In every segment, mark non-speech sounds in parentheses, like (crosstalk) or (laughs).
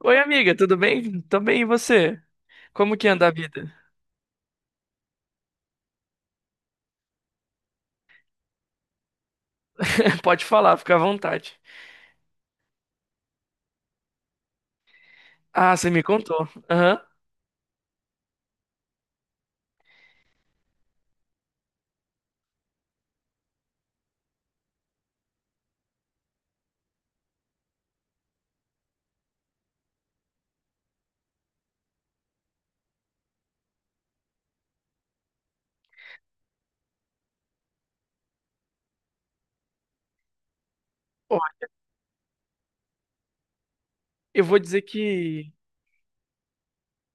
Oi, amiga, tudo bem? Tô bem, e você? Como que anda a vida? (laughs) Pode falar, fica à vontade. Ah, você me contou. Aham. Ó, eu vou dizer que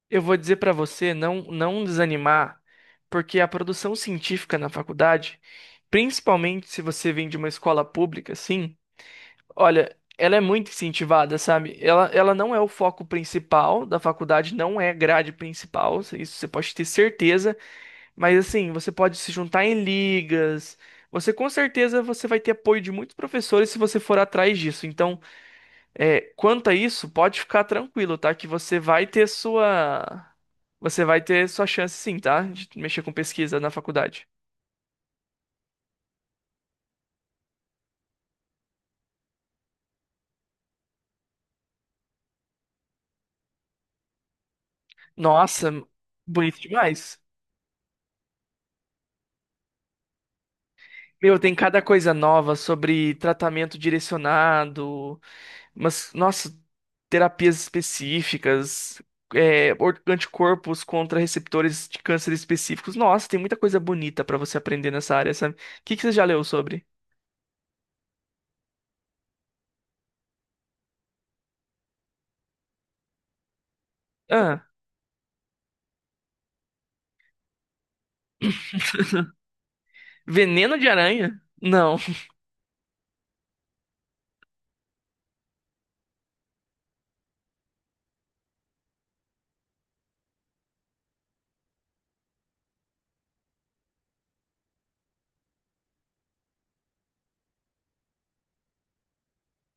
eu vou dizer pra você não desanimar, porque a produção científica na faculdade, principalmente se você vem de uma escola pública, sim, olha, ela é muito incentivada, sabe? Ela não é o foco principal da faculdade, não é grade principal, isso você pode ter certeza. Mas assim, você pode se juntar em ligas. Você com certeza você vai ter apoio de muitos professores se você for atrás disso. Então, quanto a isso, pode ficar tranquilo, tá? Que você vai ter sua chance sim, tá? De mexer com pesquisa na faculdade. Nossa, bonito demais. Meu, tem cada coisa nova sobre tratamento direcionado. Mas, nossa, terapias específicas, anticorpos contra receptores de câncer específicos. Nossa, tem muita coisa bonita pra você aprender nessa área, sabe? O que que você já leu sobre? Ah, veneno de aranha? Não. (laughs)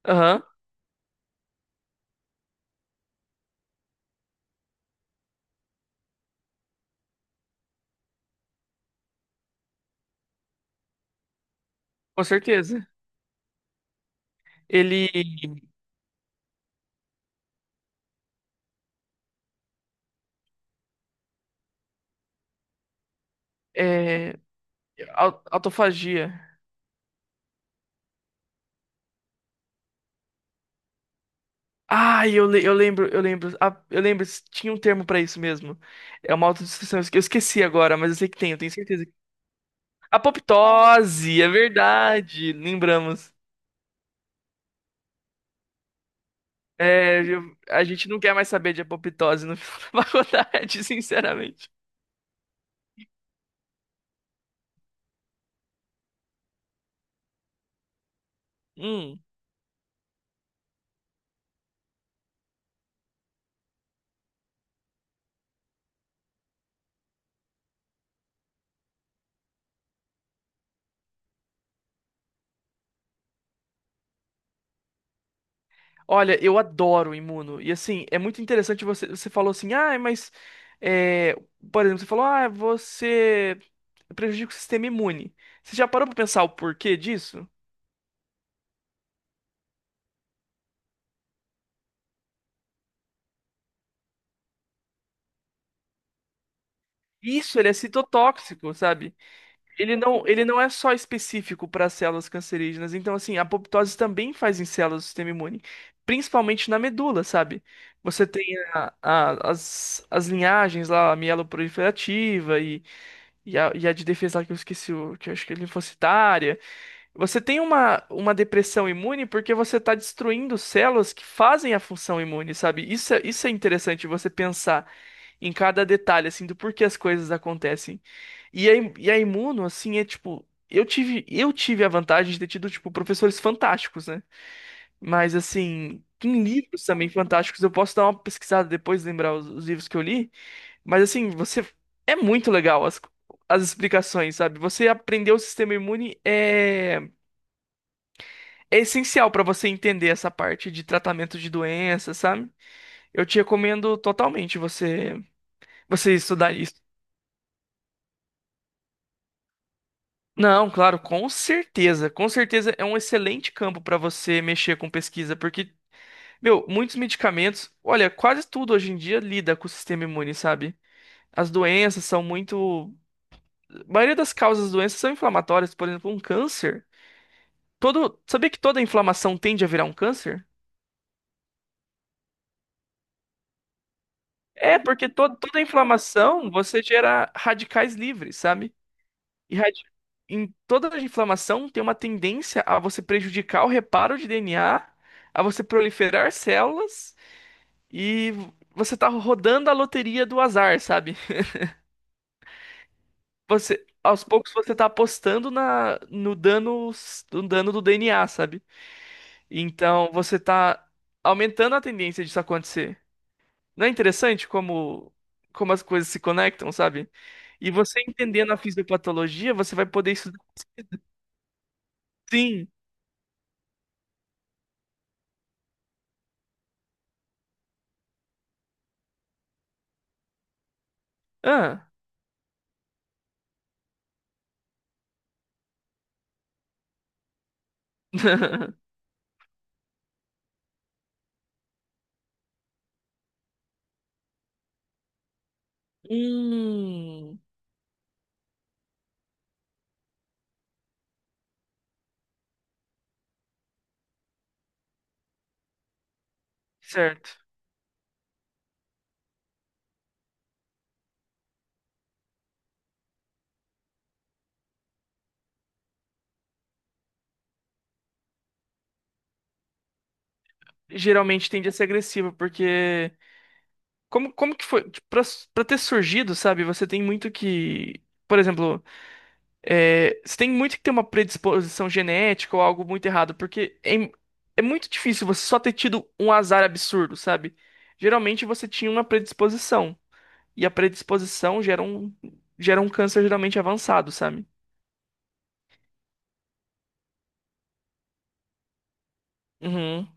Aham, com certeza. Ele é autofagia. Ah, eu lembro, ah, eu lembro, tinha um termo pra isso mesmo. É uma autodestruição. Eu esqueci agora, mas eu sei que tem, eu tenho certeza. Apoptose, é verdade. Lembramos. É, a gente não quer mais saber de apoptose no final da (laughs) faculdade, sinceramente. Hum. Olha, eu adoro Imuno. E assim, é muito interessante você. Você falou assim, ah, mas. é, por exemplo, você falou, ah, você prejudica o sistema imune. Você já parou pra pensar o porquê disso? Isso, ele é citotóxico, sabe? Ele não é só específico para células cancerígenas. Então, assim, a apoptose também faz em células do sistema imune, principalmente na medula, sabe? Você tem as, as linhagens lá, a mieloproliferativa e, e a de defesa lá que eu esqueci, o, que eu acho que é linfocitária. Você tem uma depressão imune porque você está destruindo células que fazem a função imune, sabe? Isso é interessante você pensar em cada detalhe, assim, do porquê as coisas acontecem. E e a Imuno, assim, é tipo. Eu tive a vantagem de ter tido, tipo, professores fantásticos, né? Mas, assim, em livros também fantásticos, eu posso dar uma pesquisada depois, lembrar os livros que eu li. Mas, assim, você. É muito legal as, as explicações, sabe? Você aprender o sistema imune é essencial pra você entender essa parte de tratamento de doenças, sabe? Eu te recomendo totalmente você, você estudar isso. Não, claro, com certeza. Com certeza é um excelente campo para você mexer com pesquisa, porque, meu, muitos medicamentos, olha, quase tudo hoje em dia lida com o sistema imune, sabe? As doenças são muito. A maioria das causas das doenças são inflamatórias, por exemplo, um câncer. Todo... Sabia que toda inflamação tende a virar um câncer? É, porque toda inflamação você gera radicais livres, sabe? E em toda a inflamação tem uma tendência a você prejudicar o reparo de DNA, a você proliferar células e você tá rodando a loteria do azar, sabe? Você, aos poucos você tá apostando na, no dano, no dano do DNA, sabe? Então você tá aumentando a tendência disso acontecer. Não é interessante como, como as coisas se conectam, sabe? E você entendendo a fisiopatologia, você vai poder estudar. Sim. Ah. (laughs) Hum, certo. Geralmente tende a ser agressiva, porque como, como que foi? Tipo, pra, pra ter surgido, sabe? Você tem muito que. Por exemplo, você tem muito que ter uma predisposição genética ou algo muito errado, porque é muito difícil você só ter tido um azar absurdo, sabe? Geralmente você tinha uma predisposição, e a predisposição gera um câncer geralmente avançado, sabe? Uhum.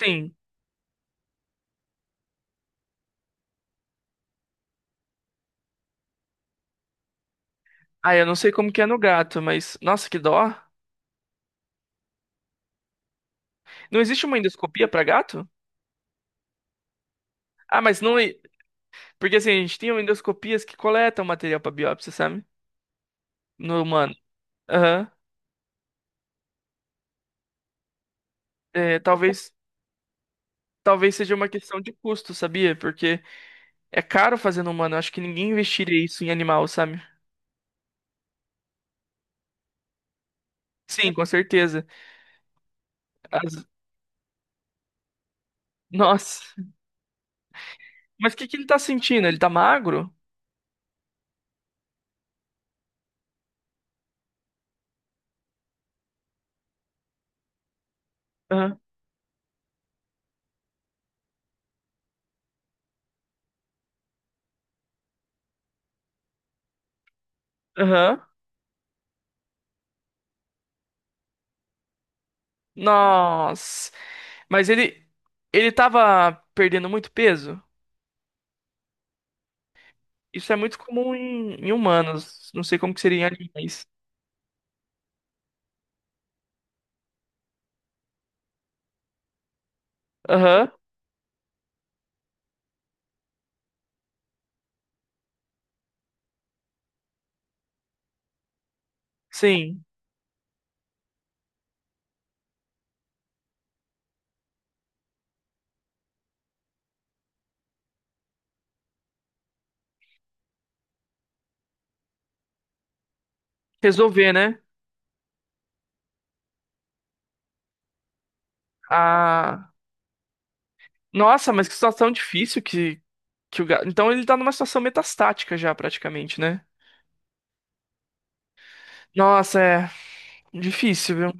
Sim. Ah, eu não sei como que é no gato, mas nossa, que dó. Não existe uma endoscopia para gato? Ah, mas não. e- Porque assim, a gente tem endoscopias que coletam material para biópsia, sabe? No humano. Aham. É, talvez, talvez seja uma questão de custo, sabia? Porque é caro fazer no humano. Acho que ninguém investiria isso em animal, sabe? Sim, com certeza. As- nossa. Mas o que que ele tá sentindo? Ele tá magro? Aham. Aham. Nossa. Mas ele. Ele tava perdendo muito peso? Isso é muito comum em, em humanos. Não sei como que seria em animais. Aham. Sim, resolver, né? Ah, nossa, mas que situação difícil que o gato. Então ele tá numa situação metastática já, praticamente, né? Nossa, é difícil, viu?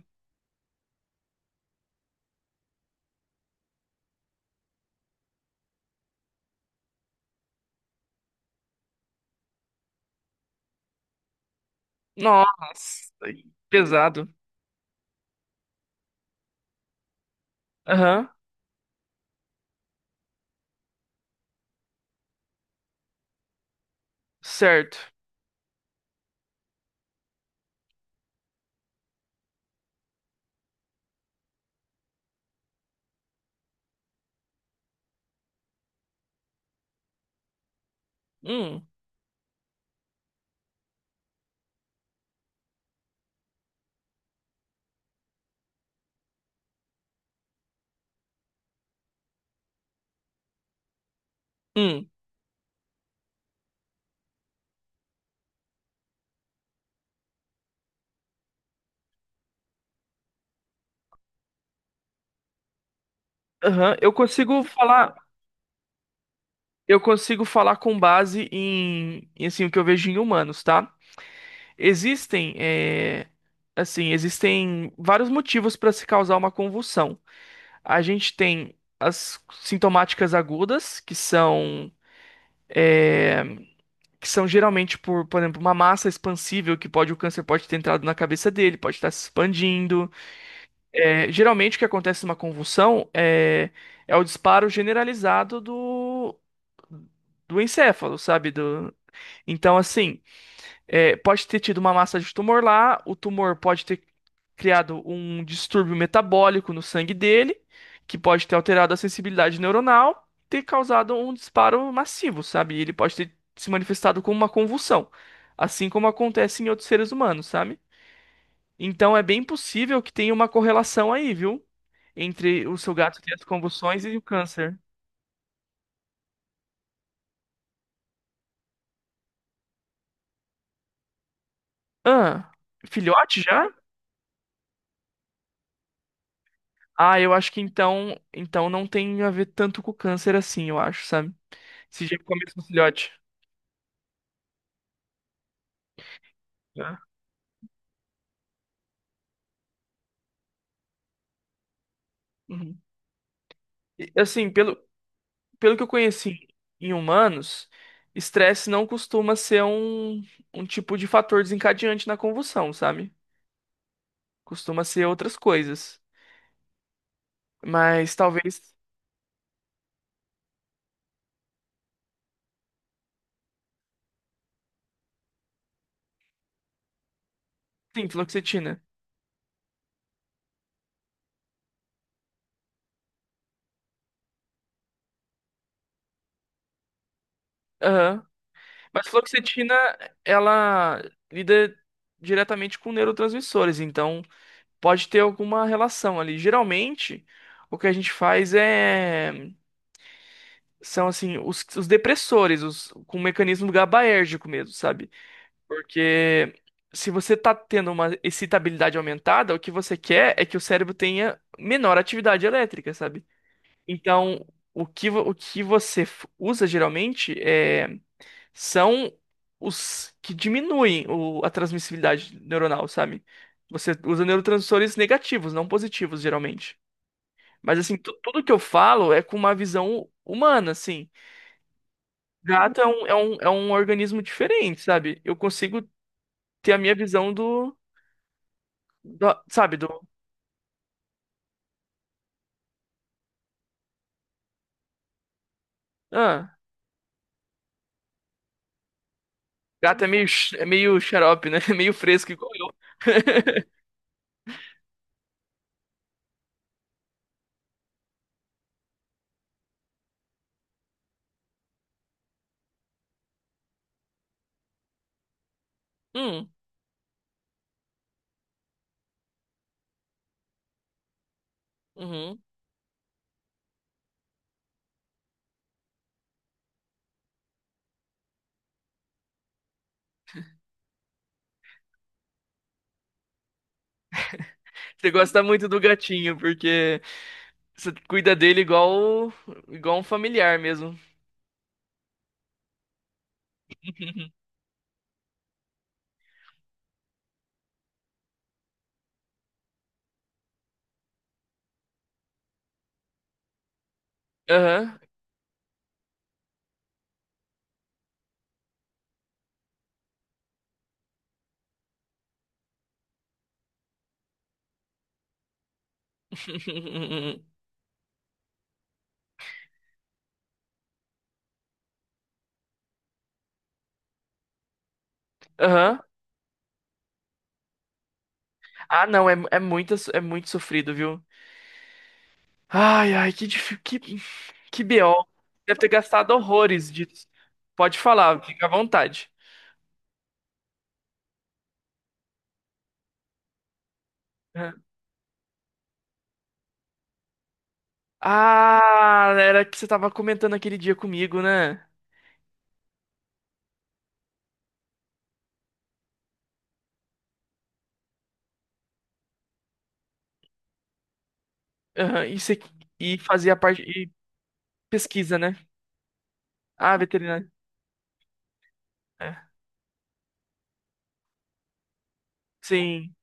Nossa, pesado. Aham, certo. Hum, hum, aham. Eu consigo falar com base em, em, assim, o que eu vejo em humanos, tá? Existem, assim, existem vários motivos para se causar uma convulsão. A gente tem as sintomáticas agudas, que são geralmente por exemplo, uma massa expansível que pode o câncer pode ter entrado na cabeça dele, pode estar se expandindo. É, geralmente o que acontece numa convulsão é o disparo generalizado do encéfalo, sabe? Do... Então, assim, é, pode ter tido uma massa de tumor lá, o tumor pode ter criado um distúrbio metabólico no sangue dele, que pode ter alterado a sensibilidade neuronal, ter causado um disparo massivo, sabe? E ele pode ter se manifestado como uma convulsão, assim como acontece em outros seres humanos, sabe? Então é bem possível que tenha uma correlação aí, viu? Entre o seu gato ter as convulsões e o câncer. Ah, filhote já? Ah, eu acho que então, então não tem a ver tanto com o câncer assim, eu acho, sabe? Esse dia eu começo no filhote. Né? Uhum. E, assim, pelo que eu conheci em humanos, estresse não costuma ser um tipo de fator desencadeante na convulsão, sabe? Costuma ser outras coisas. Mas talvez. Sim, fluoxetina. Aham. Mas fluoxetina, ela lida diretamente com neurotransmissores, então pode ter alguma relação ali. Geralmente, o que a gente faz é. São assim os depressores, os com um mecanismo gabaérgico mesmo, sabe? Porque se você tá tendo uma excitabilidade aumentada, o que você quer é que o cérebro tenha menor atividade elétrica, sabe? Então, o que você usa geralmente são os que diminuem a transmissibilidade neuronal, sabe? Você usa neurotransmissores negativos, não positivos, geralmente. Mas assim, tudo que eu falo é com uma visão humana, assim. Gato é um, é um, é um organismo diferente, sabe? Eu consigo ter a minha visão do, do- sabe, do. Ah, gato é meio, é meio xarope, né? (laughs) É meio fresco igual eu. (laughs) Hum, uhum. Você gosta muito do gatinho, porque você cuida dele igual, igual um familiar mesmo. (laughs) Aham. (laughs) Aham. Ah, não, é, é muito sofrido, viu? Ai, ai, que difícil. Que BO. Deve ter gastado horrores disso. Pode falar, fica à vontade. Aham. Ah, era que você tava comentando aquele dia comigo, né? Aham, e, você, e fazia parte. E pesquisa, né? Ah, veterinário. É, sim.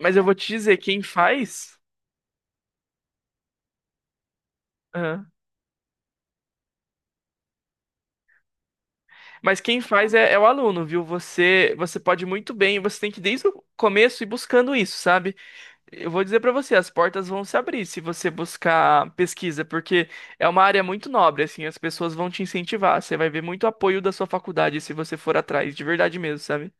Mas eu vou te dizer, quem faz. Aham. Mas quem faz é o aluno, viu? Você, você pode muito bem, você tem que desde o começo ir buscando isso, sabe? Eu vou dizer pra você, as portas vão se abrir se você buscar pesquisa, porque é uma área muito nobre, assim, as pessoas vão te incentivar, você vai ver muito apoio da sua faculdade se você for atrás, de verdade mesmo, sabe?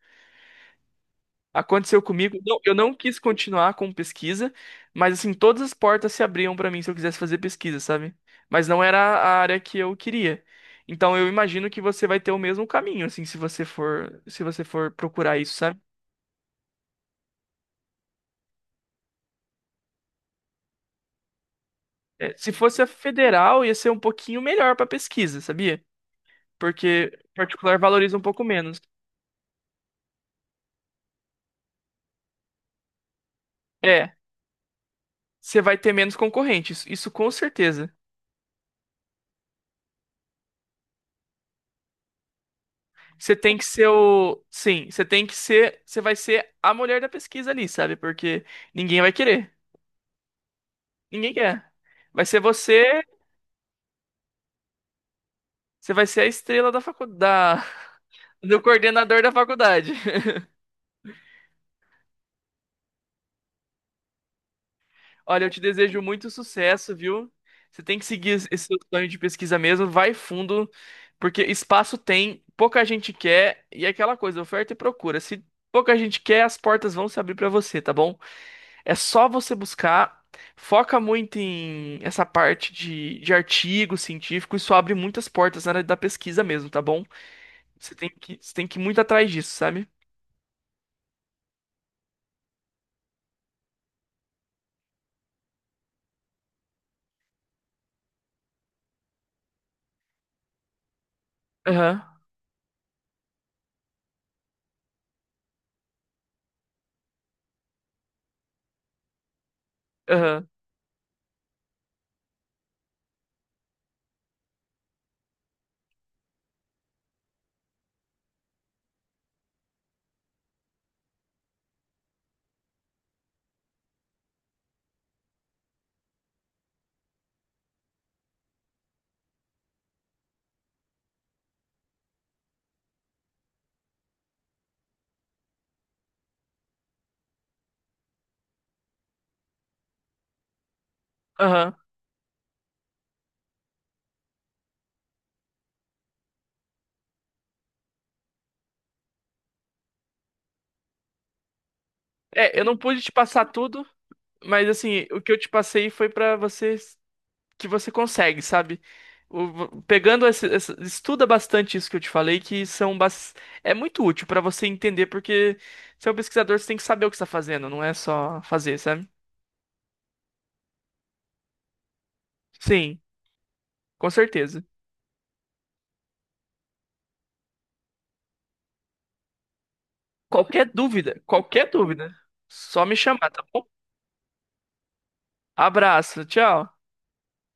Aconteceu comigo, eu não quis continuar com pesquisa, mas assim, todas as portas se abriam pra mim se eu quisesse fazer pesquisa, sabe? Mas não era a área que eu queria. Então eu imagino que você vai ter o mesmo caminho, assim, se você for, se você for procurar isso, sabe? É, se fosse a federal, ia ser um pouquinho melhor pra pesquisa, sabia? Porque particular valoriza um pouco menos. É, você vai ter menos concorrentes, isso com certeza. Você tem que ser o. Sim, você tem que ser. Você vai ser a mulher da pesquisa ali, sabe? Porque ninguém vai querer. Ninguém quer. Vai ser você. Você vai ser a estrela da faculdade. (laughs) Do coordenador da faculdade. Olha, eu te desejo muito sucesso, viu? Você tem que seguir esse seu sonho de pesquisa mesmo, vai fundo, porque espaço tem, pouca gente quer, e é aquela coisa, oferta e procura. Se pouca gente quer, as portas vão se abrir pra você, tá bom? É só você buscar. Foca muito em essa parte de artigo científico, isso abre muitas portas na área da pesquisa mesmo, tá bom? Você tem que ir muito atrás disso, sabe? Aham, aham, aham. É, eu não pude te passar tudo. Mas assim, o que eu te passei foi pra você que você consegue, sabe? Pegando esse, estuda bastante isso que eu te falei, é muito útil pra você entender, porque você é um pesquisador, você tem que saber o que está fazendo, não é só fazer, sabe? Sim, com certeza. Qualquer dúvida, só me chamar, tá bom? Abraço, tchau.